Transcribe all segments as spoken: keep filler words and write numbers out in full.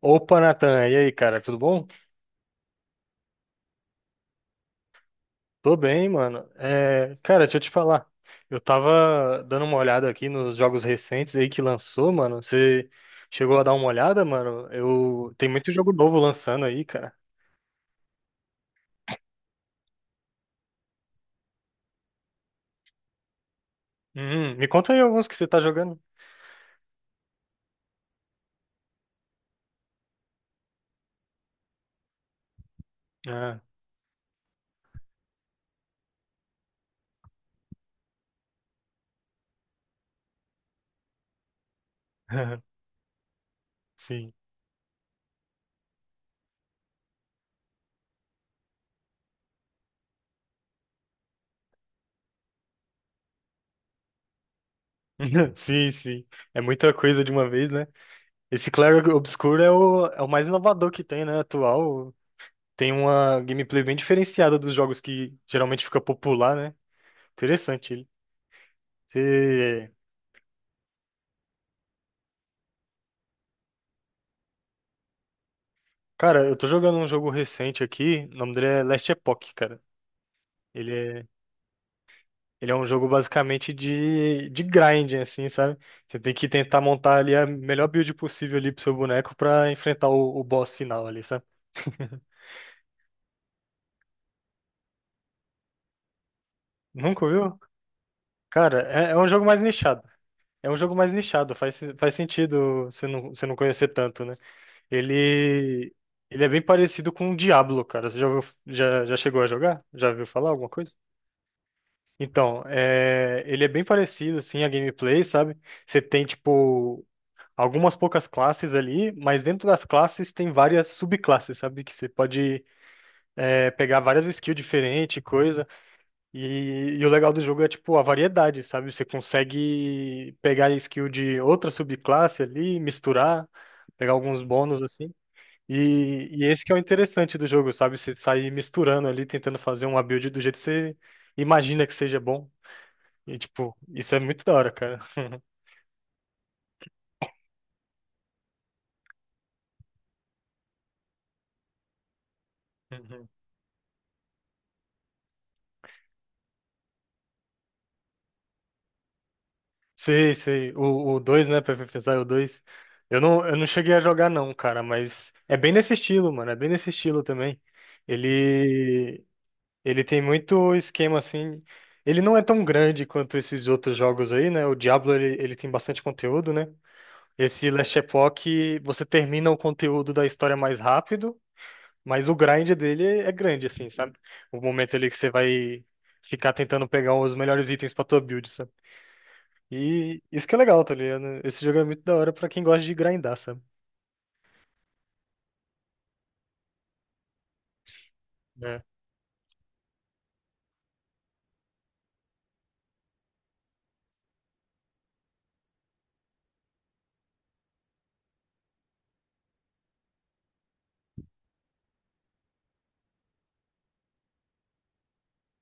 Opa, Natan, e aí, cara, tudo bom? Tô bem, mano. É, cara, deixa eu te falar. Eu tava dando uma olhada aqui nos jogos recentes aí que lançou, mano. Você chegou a dar uma olhada, mano? Eu tem muito jogo novo lançando aí, cara. Hum, me conta aí alguns que você tá jogando. Ah, sim. Sim, sim. É muita coisa de uma vez, né? Esse Clair Obscur é o, é o mais inovador que tem, né? Atual. Tem uma gameplay bem diferenciada dos jogos que geralmente fica popular, né? Interessante. Você... Cara, eu tô jogando um jogo recente aqui, o nome dele é Last Epoch, cara. Ele é, ele é um jogo basicamente de, de grinding, assim, sabe? Você tem que tentar montar ali a melhor build possível ali pro seu boneco pra enfrentar o, o boss final ali, sabe? Nunca viu? Cara, é, é um jogo mais nichado. É um jogo mais nichado, faz, faz sentido você não, você não conhecer tanto, né? Ele, ele é bem parecido com o Diablo, cara. Você já, ouviu- já, já chegou a jogar? Já viu falar alguma coisa? Então, é, ele é bem parecido, assim, a gameplay, sabe? Você tem, tipo, algumas poucas classes ali, mas dentro das classes tem várias subclasses, sabe? Que você pode, é, pegar várias skills diferentes, e coisa. E, e o legal do jogo é, tipo, a variedade, sabe? Você consegue pegar a skill de outra subclasse ali, misturar, pegar alguns bônus, assim. E, e esse que é o interessante do jogo, sabe? Você sair misturando ali, tentando fazer uma build do jeito que você imagina que seja bom. E, tipo, isso é muito da hora, cara. Sei, sei. O, o dois, né? Pra pensar, o dois. Eu não, eu não cheguei a jogar, não, cara, mas é bem nesse estilo, mano. É bem nesse estilo também. Ele, ele tem muito esquema assim. Ele não é tão grande quanto esses outros jogos aí, né? O Diablo, ele, ele tem bastante conteúdo, né? Esse Last Epoch, você termina o conteúdo da história mais rápido. Mas o grind dele é grande, assim, sabe? O momento ali que você vai ficar tentando pegar os melhores itens pra tua build, sabe? E isso que é legal, tá ligado? Esse jogo é muito da hora pra quem gosta de grindar, sabe? É.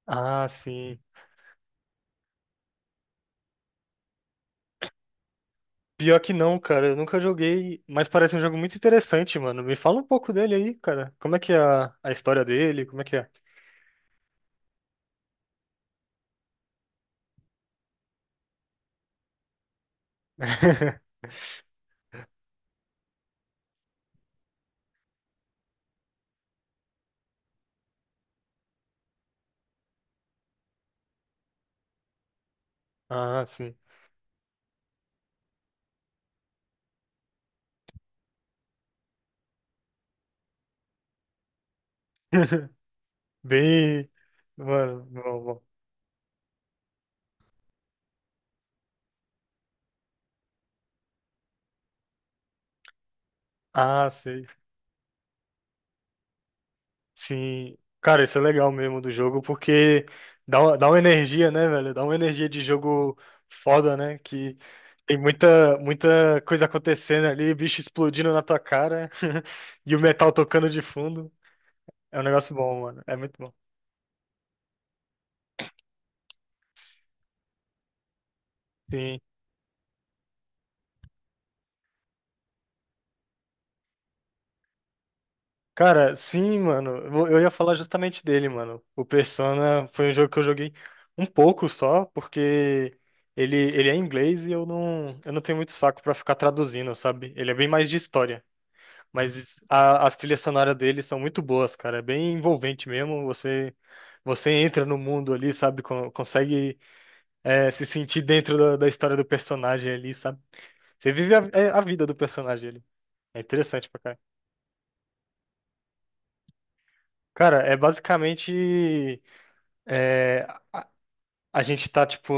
Ah, sim. Pior que não, cara. Eu nunca joguei, mas parece um jogo muito interessante, mano. Me fala um pouco dele aí, cara. Como é que é a, a história dele? Como é que é? Ah, sim. Bem. Mano, bom, bom. Ah, sei. Sim, cara, isso é legal mesmo do jogo, porque dá uma, dá uma energia, né, velho? Dá uma energia de jogo foda, né? Que tem muita, muita coisa acontecendo ali, bicho explodindo na tua cara e o metal tocando de fundo. É um negócio bom, mano. É muito bom. Sim. Cara, sim, mano. Eu vou- eu ia falar justamente dele, mano. O Persona foi um jogo que eu joguei um pouco só, porque ele, ele é em inglês e eu não, eu não tenho muito saco pra ficar traduzindo, sabe? Ele é bem mais de história. Mas a- as trilhas sonoras dele são muito boas, cara. É bem envolvente mesmo. Você você entra no mundo ali, sabe? Con- Consegue é, se sentir dentro da, da história do personagem ali, sabe? Você vive a, é, a vida do personagem ali. É interessante pra caralho. Cara, é basicamente a gente tá, tipo,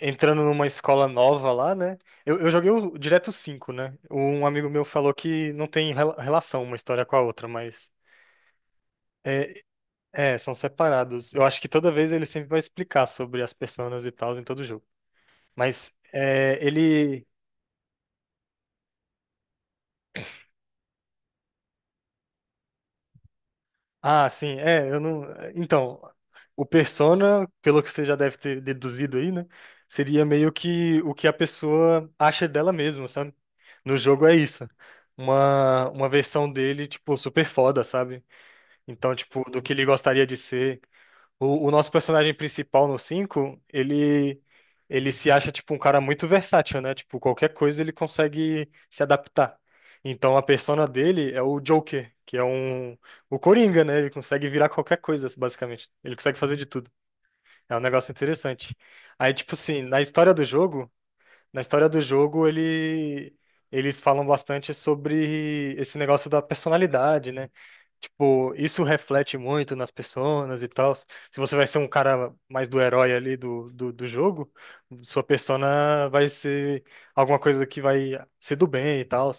entrando numa escola nova lá, né? Eu, eu joguei o, direto cinco, né? Um amigo meu falou que não tem rela- relação uma história com a outra, mas. É, são separados. Eu acho que toda vez ele sempre vai explicar sobre as personas e tal em todo jogo. Mas é, ele. Ah, sim, é, eu não. Então, o persona, pelo que você já deve ter deduzido aí, né? Seria meio que o que a pessoa acha dela mesma, sabe? No jogo é isso. Uma, uma versão dele, tipo, super foda, sabe? Então, tipo, do que ele gostaria de ser. O, o nosso personagem principal no cinco ele, ele se acha tipo um cara muito versátil, né? Tipo, qualquer coisa ele consegue se adaptar. Então a persona dele é o Joker, que é um o Coringa, né? Ele consegue virar qualquer coisa, basicamente. Ele consegue fazer de tudo. É um negócio interessante. Aí, tipo assim, na história do jogo, na história do jogo ele eles falam bastante sobre esse negócio da personalidade, né? Tipo, isso reflete muito nas personas e tal. Se você vai ser um cara mais do herói ali do, do, do jogo, sua persona vai ser alguma coisa que vai ser do bem e tal.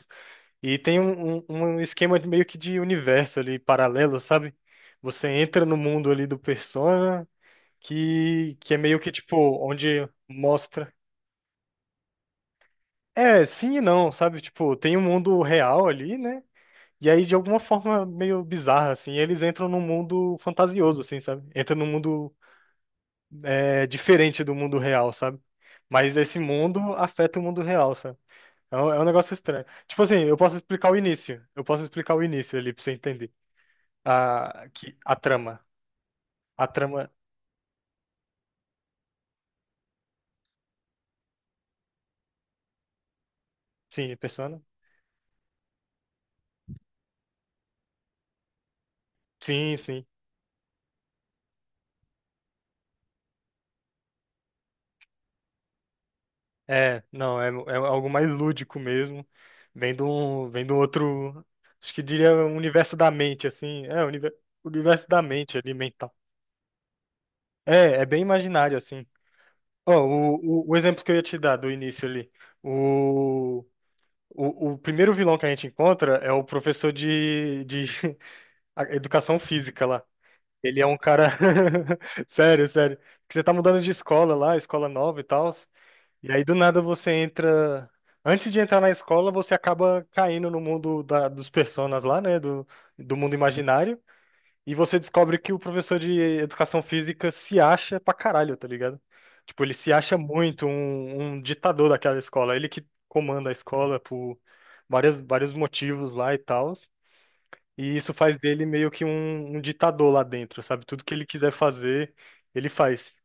E tem um, um, um esquema de meio que de universo ali paralelo, sabe? Você entra no mundo ali do persona, que, que é meio que tipo, onde mostra. É, sim e não, sabe? Tipo, tem um mundo real ali, né? E aí, de alguma forma meio bizarra, assim, eles entram num mundo fantasioso, assim, sabe? Entram num mundo é, diferente do mundo real, sabe? Mas esse mundo afeta o mundo real, sabe? É um, é um negócio estranho. Tipo assim, eu posso explicar o início. Eu posso explicar o início ali pra você entender. A, que, a trama. A trama. Sim, Persona? Sim, sim. É, não, é, é algo mais lúdico mesmo. Vem do, vem do outro. Acho que diria o universo da mente, assim. É, o univer- o universo da mente ali, mental. É, é bem imaginário, assim. Ó, o, o, o exemplo que eu ia te dar do início ali. O, o, o primeiro vilão que a gente encontra é o professor de, de a- educação física lá. Ele é um cara. Sério, sério. Que você tá mudando de escola lá, escola nova e tal. E aí do nada você entra. Antes de entrar na escola, você acaba caindo no mundo da- dos personas lá, né? Do, do mundo imaginário. E você descobre que o professor de educação física se acha pra caralho, tá ligado? Tipo, ele se acha muito um, um ditador daquela escola. Ele que comanda a escola por várias, vários motivos lá e tal. E isso faz dele meio que um, um ditador lá dentro, sabe? Tudo que ele quiser fazer, ele faz.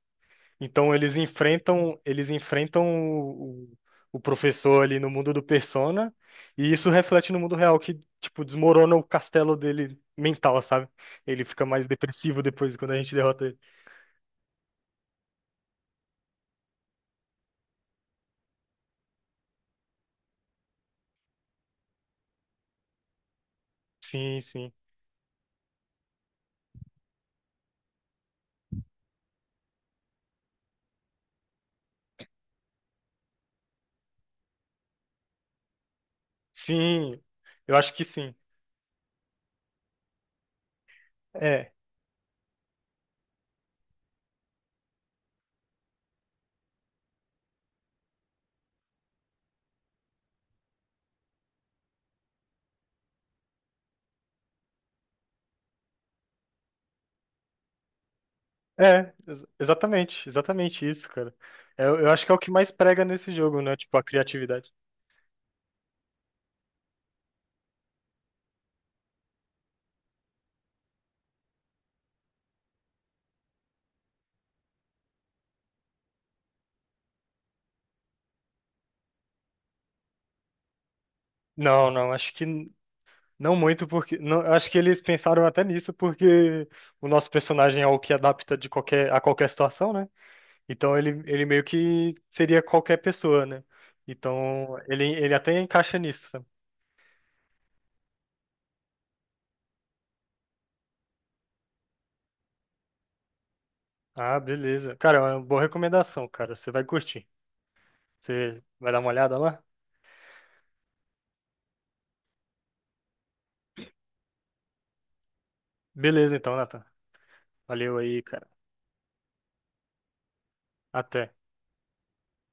Então eles enfrentam, eles enfrentam o, o- o professor ali no mundo do Persona, e isso reflete no mundo real que tipo desmorona o castelo dele mental, sabe? Ele fica mais depressivo depois quando a gente derrota ele. Sim, sim. Sim, eu acho que sim. É. É, ex- exatamente, exatamente isso, cara. Eu, eu acho que é o que mais prega nesse jogo, né? Tipo, a criatividade. Não, não, acho que não muito, porque. Não, eu acho que eles pensaram até nisso, porque o nosso personagem é o que adapta de qualquer, a qualquer situação, né? Então ele, ele meio que seria qualquer pessoa, né? Então ele, ele até encaixa nisso. Sabe? Ah, beleza. Cara, é uma boa recomendação, cara. Você vai curtir. Você vai dar uma olhada lá? Beleza, então, Nathan. Valeu aí, cara. Até.